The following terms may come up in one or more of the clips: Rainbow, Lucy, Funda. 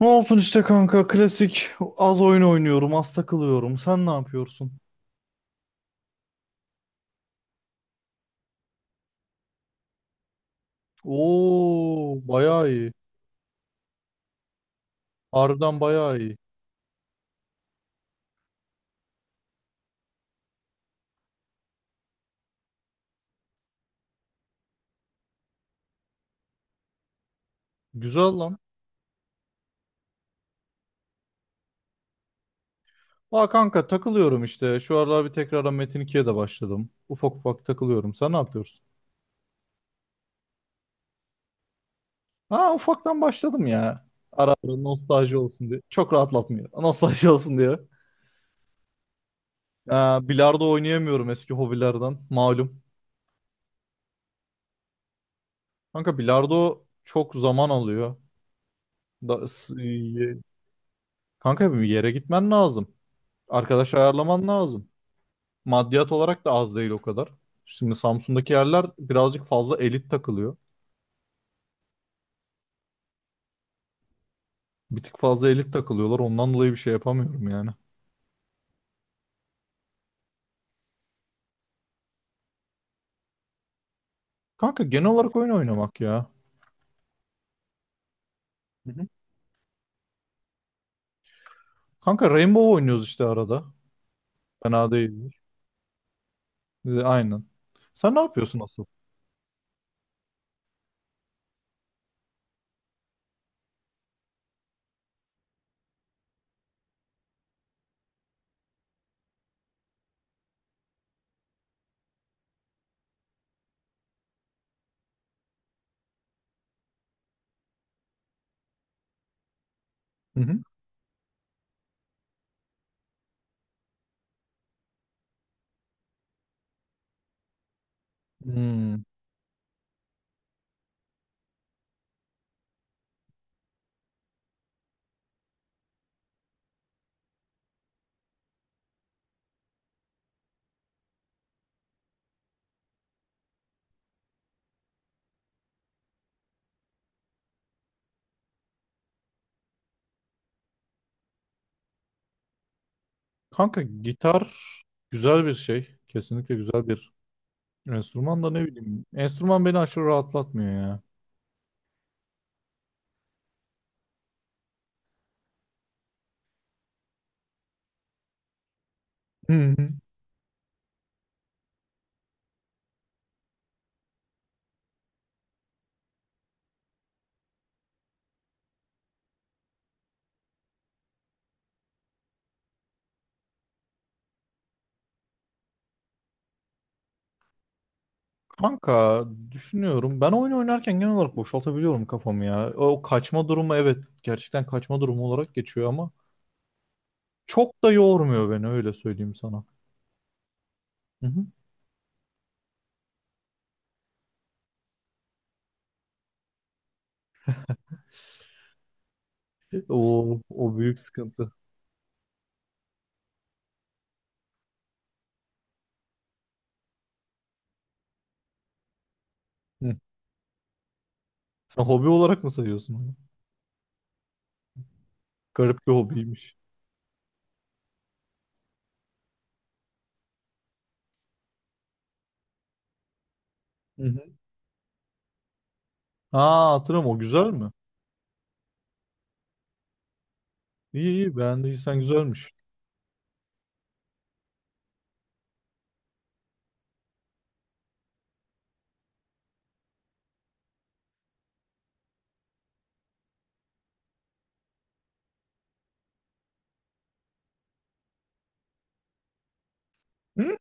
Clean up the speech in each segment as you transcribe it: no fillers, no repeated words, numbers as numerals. Ne olsun işte kanka, klasik. Az oyun oynuyorum, az takılıyorum, sen ne yapıyorsun? Oo, bayağı iyi. Harbiden bayağı iyi. Güzel lan. Aa kanka, takılıyorum işte şu aralar, bir tekrardan Metin 2'ye de başladım, ufak ufak takılıyorum, sen ne yapıyorsun? Ha, ufaktan başladım ya, ara ara, nostalji olsun diye. Çok rahatlatmıyor, nostalji olsun diye. Bilardo oynayamıyorum, eski hobilerden malum. Kanka bilardo çok zaman alıyor. Da, s- y- Kanka, bir yere gitmen lazım. Arkadaş ayarlaman lazım. Maddiyat olarak da az değil o kadar. Şimdi Samsun'daki yerler birazcık fazla elit takılıyor. Bir tık fazla elit takılıyorlar. Ondan dolayı bir şey yapamıyorum yani. Kanka genel olarak oyun oynamak ya. Hı hı. Kanka Rainbow oynuyoruz işte arada. Fena değildir. Aynen. Sen ne yapıyorsun asıl? Hı hı. Hmm. Kanka gitar güzel bir şey. Kesinlikle güzel bir enstrüman da, ne bileyim. Enstrüman beni aşırı rahatlatmıyor ya. Kanka düşünüyorum. Ben oyun oynarken genel olarak boşaltabiliyorum kafamı ya. O kaçma durumu, evet, gerçekten kaçma durumu olarak geçiyor ama çok da yormuyor beni, öyle söyleyeyim sana. Hı hı. O büyük sıkıntı. Hı. Sen hobi olarak mı sayıyorsun onu? Garip bir hobiymiş. Hı hı. Ha, hatırlıyorum, o güzel mi? İyi iyi, beğendiysen güzelmiş. Hı?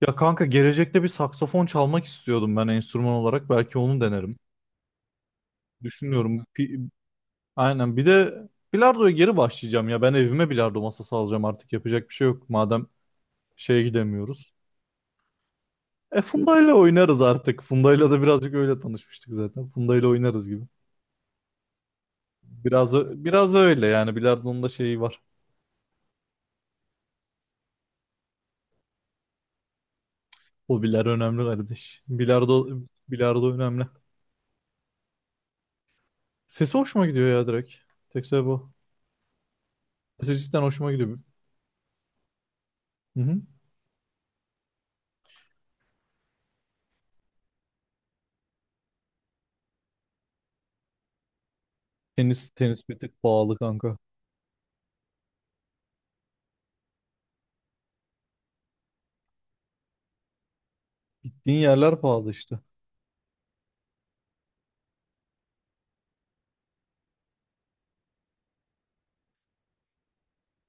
Ya kanka, gelecekte bir saksafon çalmak istiyordum ben, enstrüman olarak. Belki onu denerim. Düşünüyorum. Aynen. Bir de bilardoya geri başlayacağım ya. Ben evime bilardo masası alacağım artık. Yapacak bir şey yok. Madem şeye gidemiyoruz. E, Funda'yla oynarız artık. Funda'yla da birazcık öyle tanışmıştık zaten. Funda'yla oynarız gibi. Biraz öyle yani. Bilardo'nun da şeyi var. Hobiler önemli kardeş. Bilardo önemli. Sesi hoşuma gidiyor ya, direkt. Tek sebebi o. Sesi cidden hoşuma gidiyor. Hı hı. Tenis bir tık pahalı kanka. Gittiğin yerler pahalı işte.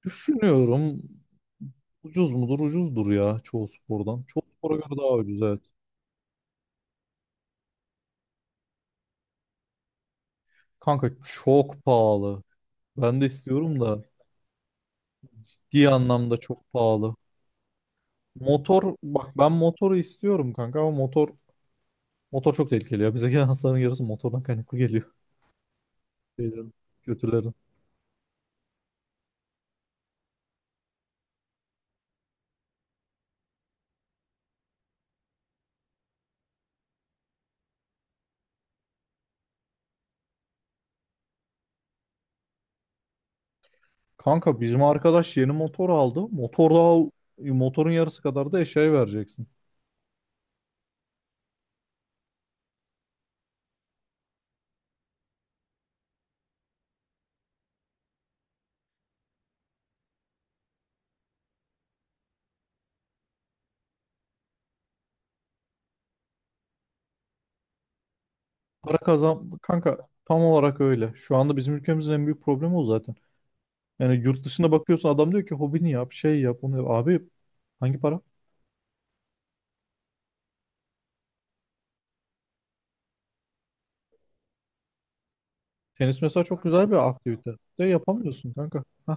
Düşünüyorum, ucuz mudur? Ucuzdur ya, çoğu spordan. Çoğu spora göre daha ucuz, evet. Kanka çok pahalı. Ben de istiyorum da, ciddi anlamda çok pahalı. Motor bak, ben motoru istiyorum kanka ama motor çok tehlikeli ya. Bize gelen hastaların yarısı motordan kaynaklı geliyor. Şeylerin, kötülerin. Kanka bizim arkadaş yeni motor aldı. Motor daha, motorun yarısı kadar da eşyaya vereceksin. Para kazan kanka, tam olarak öyle. Şu anda bizim ülkemizin en büyük problemi o zaten. Yani yurt dışına bakıyorsun, adam diyor ki hobini yap, şey yap, onu yap. Abi hangi para? Tenis mesela çok güzel bir aktivite. De yapamıyorsun kanka. Hah.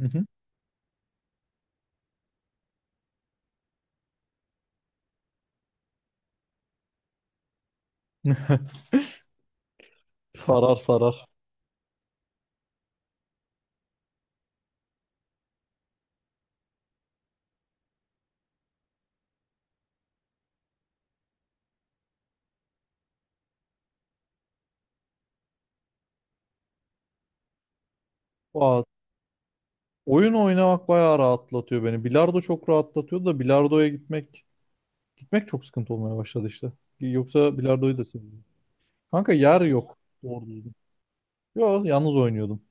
Hı hı. Sarar sarar. Aa, oyun oynamak bayağı rahatlatıyor beni. Bilardo çok rahatlatıyor da bilardoya gitmek çok sıkıntı olmaya başladı işte. Yoksa bilardoyu da seviyorum. Kanka yer yok doğru düzgün. Yo, yalnız oynuyordum.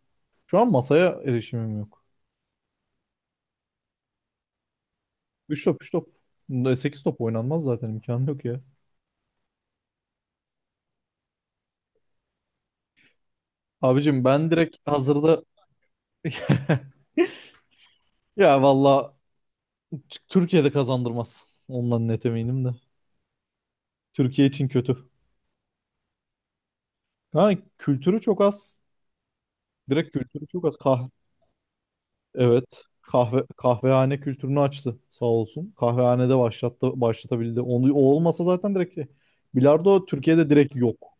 Şu an masaya erişimim yok. 3 top, 3 top. 8 top oynanmaz zaten, imkanı yok ya. Abicim ben direkt hazırda. Ya valla, Türkiye'de kazandırmaz. Ondan net eminim de. Türkiye için kötü. Ha, kültürü çok az. Direkt kültürü çok az. Evet. Kahvehane kültürünü açtı, sağ olsun. Kahvehanede başlattı, başlatabildi. Onu, o olmasa zaten direkt şey, bilardo Türkiye'de direkt yok.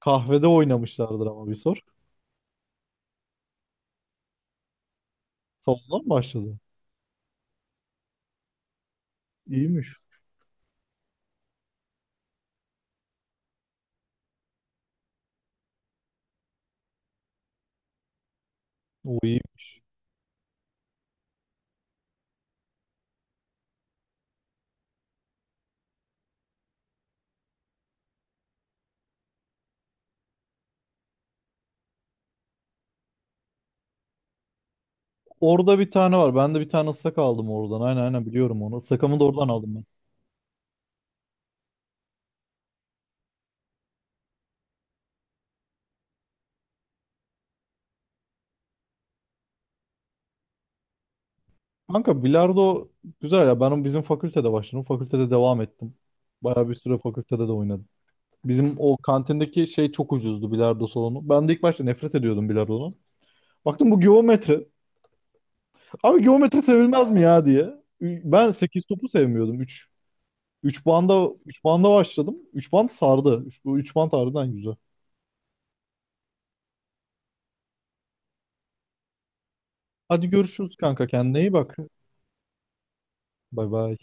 Kahvede oynamışlardır ama bir sor. Salondan mı başladı? İyiymiş. O iyiymiş. Orada bir tane var. Ben de bir tane ıslak aldım oradan. Aynen aynen, biliyorum onu. Islakamı da oradan aldım. Kanka bilardo güzel ya. Ben bizim fakültede başladım. Fakültede devam ettim. Bayağı bir süre fakültede de oynadım. Bizim o kantindeki şey çok ucuzdu, bilardo salonu. Ben de ilk başta nefret ediyordum bilardodan. Baktım, bu geometri. Abi geometri sevilmez mi ya diye. Ben 8 topu sevmiyordum. Üç banda başladım. Üç band sardı. Üç, bu band harbiden güzel. Hadi görüşürüz kanka. Kendine iyi bak. Bay bay.